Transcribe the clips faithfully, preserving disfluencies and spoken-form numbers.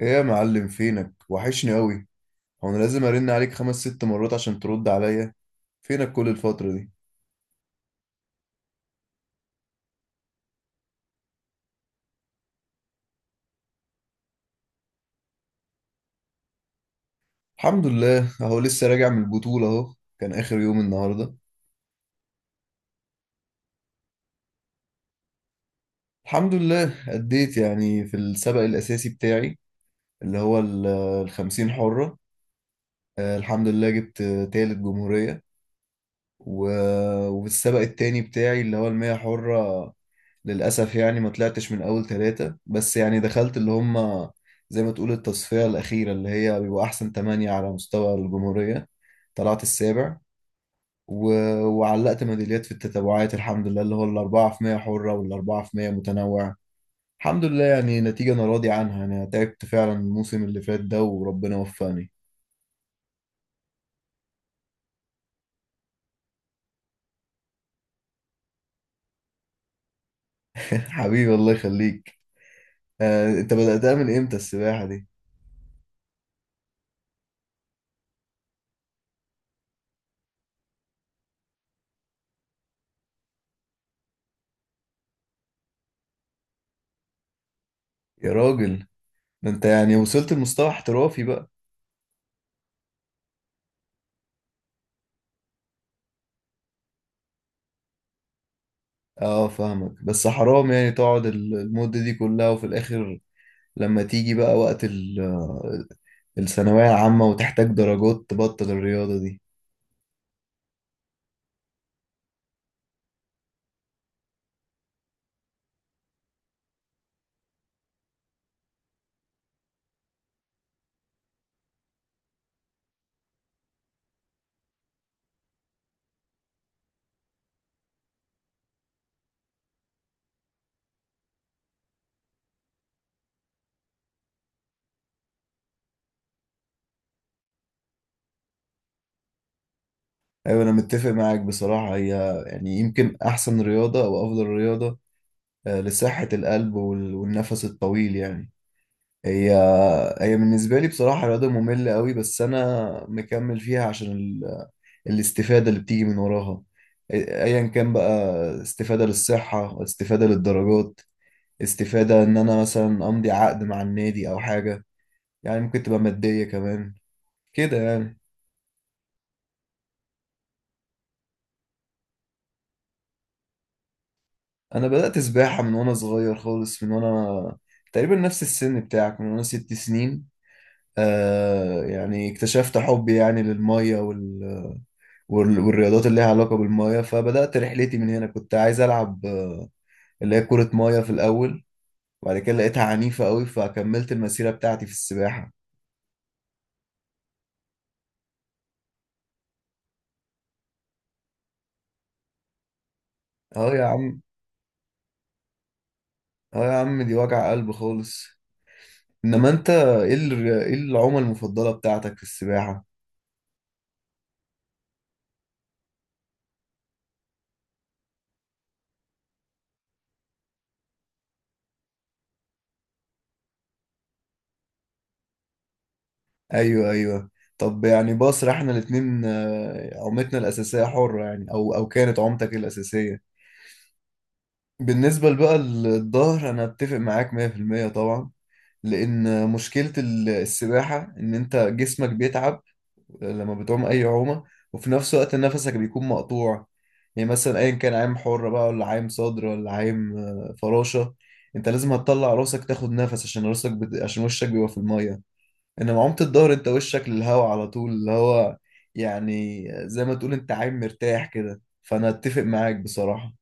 ايه يا معلم، فينك؟ وحشني قوي. هو انا لازم ارن عليك خمس ست مرات عشان ترد عليا؟ فينك كل الفترة دي؟ الحمد لله اهو لسه راجع من البطولة اهو. كان اخر يوم النهاردة. الحمد لله اديت يعني في السبق الاساسي بتاعي اللي هو ال- الخمسين حرة. آه، الحمد لله جبت آه، تالت جمهورية. و- وفي السبق التاني بتاعي اللي هو المية حرة، للأسف يعني ما طلعتش من أول ثلاثة، بس يعني دخلت اللي هم زي ما تقول التصفية الأخيرة اللي هي بيبقوا أحسن تمانية على مستوى الجمهورية. طلعت السابع و... وعلقت ميداليات في التتابعات الحمد لله، اللي هو الأربعة في مية حرة والأربعة في مية متنوع. الحمد لله يعني نتيجة أنا راضي عنها، أنا تعبت فعلا الموسم اللي فات ده وربنا وفقني. حبيبي، الله يخليك. آه، أنت بدأتها من إمتى السباحة دي؟ يا راجل، ده أنت يعني وصلت لمستوى احترافي بقى. اه فاهمك، بس حرام يعني تقعد ال- المدة دي كلها، وفي الآخر لما تيجي بقى وقت ال- الثانوية العامة وتحتاج درجات تبطل الرياضة دي. أيوة، أنا متفق معاك بصراحة. هي يعني يمكن أحسن رياضة أو أفضل رياضة، آه، لصحة القلب وال- والنفس الطويل يعني. هي هي بالنسبة لي بصراحة رياضة مملة قوي، بس أنا مكمل فيها عشان ال- الاستفادة اللي بتيجي من وراها. أي- أيا كان بقى، استفادة للصحة، استفادة للدرجات، استفادة ان انا مثلا امضي عقد مع النادي او حاجة، يعني ممكن تبقى مادية كمان كده يعني. انا بدأت سباحة من وانا صغير خالص، من وانا تقريبا نفس السن بتاعك، من وانا ست سنين. آه يعني اكتشفت حبي يعني للمية وال... وال... والرياضات اللي ليها علاقة بالمية، فبدأت رحلتي من هنا. كنت عايز ألعب آه، اللي هي كرة مية في الأول، وبعد كده لقيتها عنيفة قوي فكملت المسيرة بتاعتي في السباحة. اه يا عم، اه يا عم دي وجع قلب خالص. انما انت ايه ال- ايه العومة المفضلة بتاعتك في السباحة؟ ايوه، ايوه. طب يعني بصرا، احنا الاتنين آه، عومتنا الاساسية حرة يعني، او او كانت عومتك الاساسية. بالنسبة بقى للظهر، انا اتفق معاك مية في المية طبعا، لان مشكلة ال- السباحة ان انت جسمك بيتعب لما بتعوم اي عومه، وفي نفس الوقت نفسك بيكون مقطوع. يعني مثلا ايا كان عايم حره بقى، ولا عايم صدر، ولا عايم آه، فراشه، انت لازم هتطلع راسك تاخد نفس، عشان راسك بت... عشان وشك بيبقى في الميه. انما عومه الظهر، انت وشك للهواء على طول، اللي هو يعني زي ما تقول انت عايم مرتاح كده، فانا اتفق معاك بصراحه.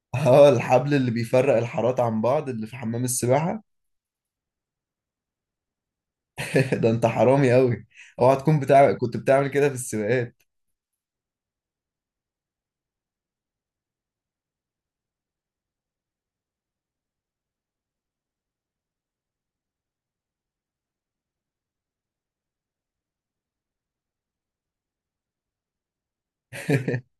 اه، الحبل اللي بيفرق الحارات عن بعض اللي في حمام السباحه. ده انت حرامي قوي. اوعى تكون بتاع، كنت بتعمل كده في السباقات؟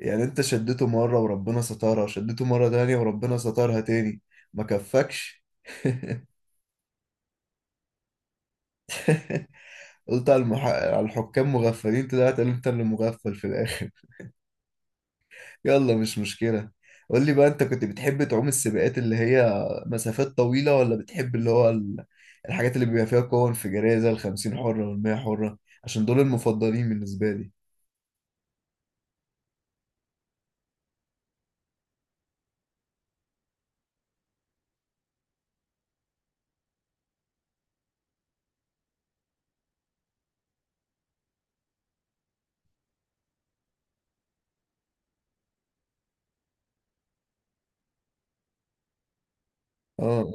يعني انت شدته مرة وربنا سترها، وشدته مرة تانية وربنا سترها تاني، ما كفكش! قلت على، المح... على الحكام مغفلين، طلعت انت اللي مغفل في الاخر. يلا، مش مشكلة. قول لي بقى، انت كنت بتحب تعوم السباقات اللي هي مسافات طويلة، ولا بتحب اللي هو ال- الحاجات اللي بيبقى فيها قوة انفجارية زي الخمسين حرة والمية حرة؟ عشان دول المفضلين بالنسبة لي. اه،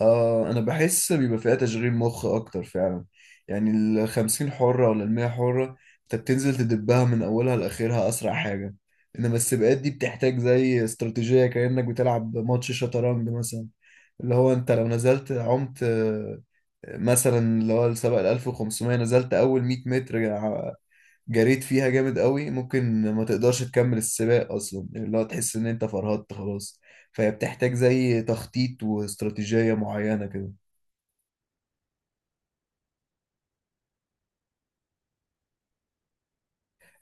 آه أنا بحس بيبقى فيها تشغيل مخ أكتر فعلا. يعني الخمسين حرة ولا المية حرة، أنت بتنزل تدبها من أولها لآخرها أسرع حاجة. إنما السباقات دي بتحتاج زي استراتيجية، كأنك بتلعب ماتش شطرنج مثلا. اللي هو أنت لو نزلت عمت آه، مثلا اللي هو السباق الألف وخمسمية، نزلت أول مية متر جا- جريت فيها جامد قوي، ممكن ما تقدرش تكمل السباق أصلا، اللي هو تحس إن أنت فرهدت خلاص. فهي بتحتاج زي تخطيط واستراتيجية معينة كده.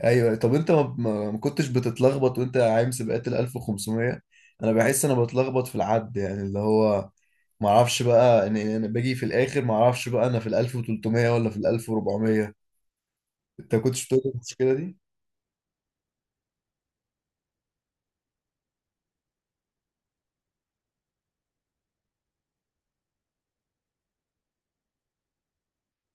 ايوه. طب انت ما ما- ما كنتش بتتلخبط وانت عايم سباقات ال الألف وخمسمية؟ انا بحس انا بتلخبط في العد، يعني اللي هو ما اعرفش بقى ان إن انا باجي في الاخر ما اعرفش بقى انا في ال الألف وتلتمية ولا في ال الألف واربعمية. انت كنتش بتقول المشكله دي؟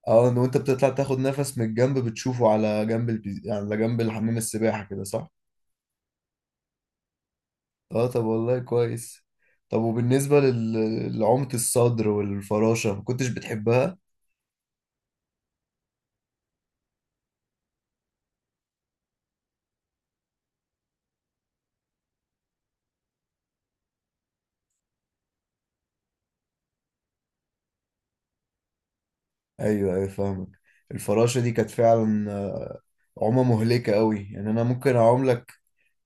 اه، ان وانت بتطلع تاخد نفس من الجنب بتشوفه على جنب البي... يعني على جنب الحمام السباحه كده، صح؟ اه، طب والله كويس. طب وبالنسبه لل- لعومه الصدر والفراشه، ما كنتش بتحبها؟ ايوه، ايوه فاهمك. الفراشة دي كانت فعلا عمى مهلكة قوي. يعني انا ممكن اعوم لك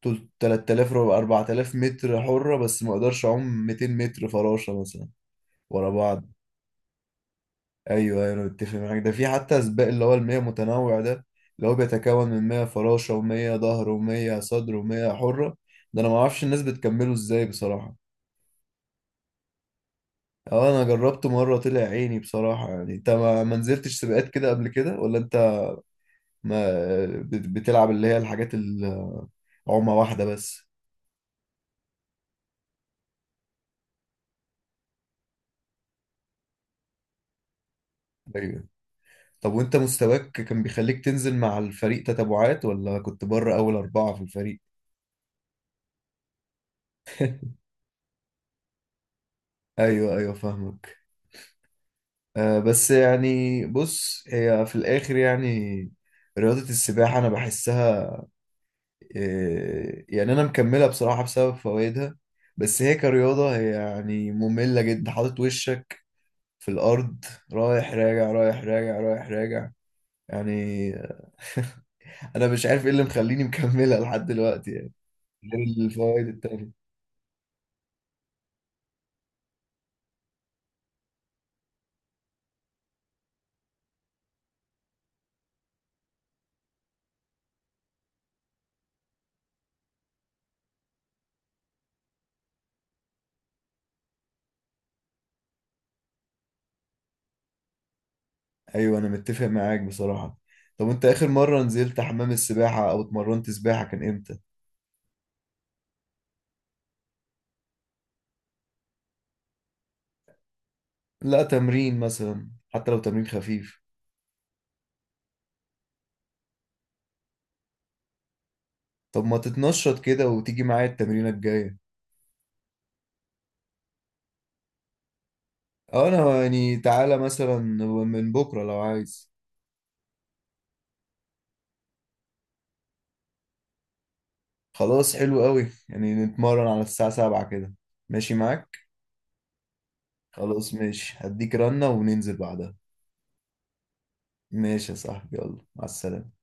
تل- تلت آلاف، ربع- 4000 متر حرة، بس ما اقدرش اعوم 200 متر فراشة مثلا ورا بعض. ايوه، ايوه انا متفق معاك. ده في حتى سباق اللي هو المية متنوع ده، اللي هو بيتكون من مية فراشة و100 ظهر و100 صدر و100 حرة. ده انا ما اعرفش الناس بتكمله ازاي بصراحة. اه، انا جربته مرة طلع عيني بصراحة. يعني انت ما ما نزلتش سباقات كده قبل كده، ولا انت ما بت- بتلعب اللي هي الحاجات العومة واحدة بس؟ أيوه. طب وانت مستواك كان بيخليك تنزل مع الفريق تتبعات، ولا كنت بره اول اربعة في الفريق؟ ايوه، ايوه فاهمك. آه بس يعني بص، هي في الاخر يعني رياضة السباحة انا بحسها، آه يعني انا مكملها بصراحة بسبب فوائدها. بس هي كرياضة هي يعني مملة جدا، حاطط وشك في الارض، رايح راجع، رايح راجع، رايح راجع يعني. انا مش عارف ايه اللي مخليني مكملها لحد دلوقتي يعني، غير الفوائد التانية. ايوه، انا متفق معاك بصراحة. طب انت اخر مرة نزلت حمام السباحة او اتمرنت سباحة كان امتى؟ لا، تمرين مثلا، حتى لو تمرين خفيف. طب ما تتنشط كده وتيجي معايا التمرينة الجاية؟ اه انا يعني، تعالى مثلا من بكرة لو عايز. خلاص، حلو قوي. يعني نتمرن على الساعة سبعة كده، ماشي معاك؟ خلاص، ماشي. هديك رنة وننزل بعدها. ماشي يا صاحبي، يلا مع السلامة.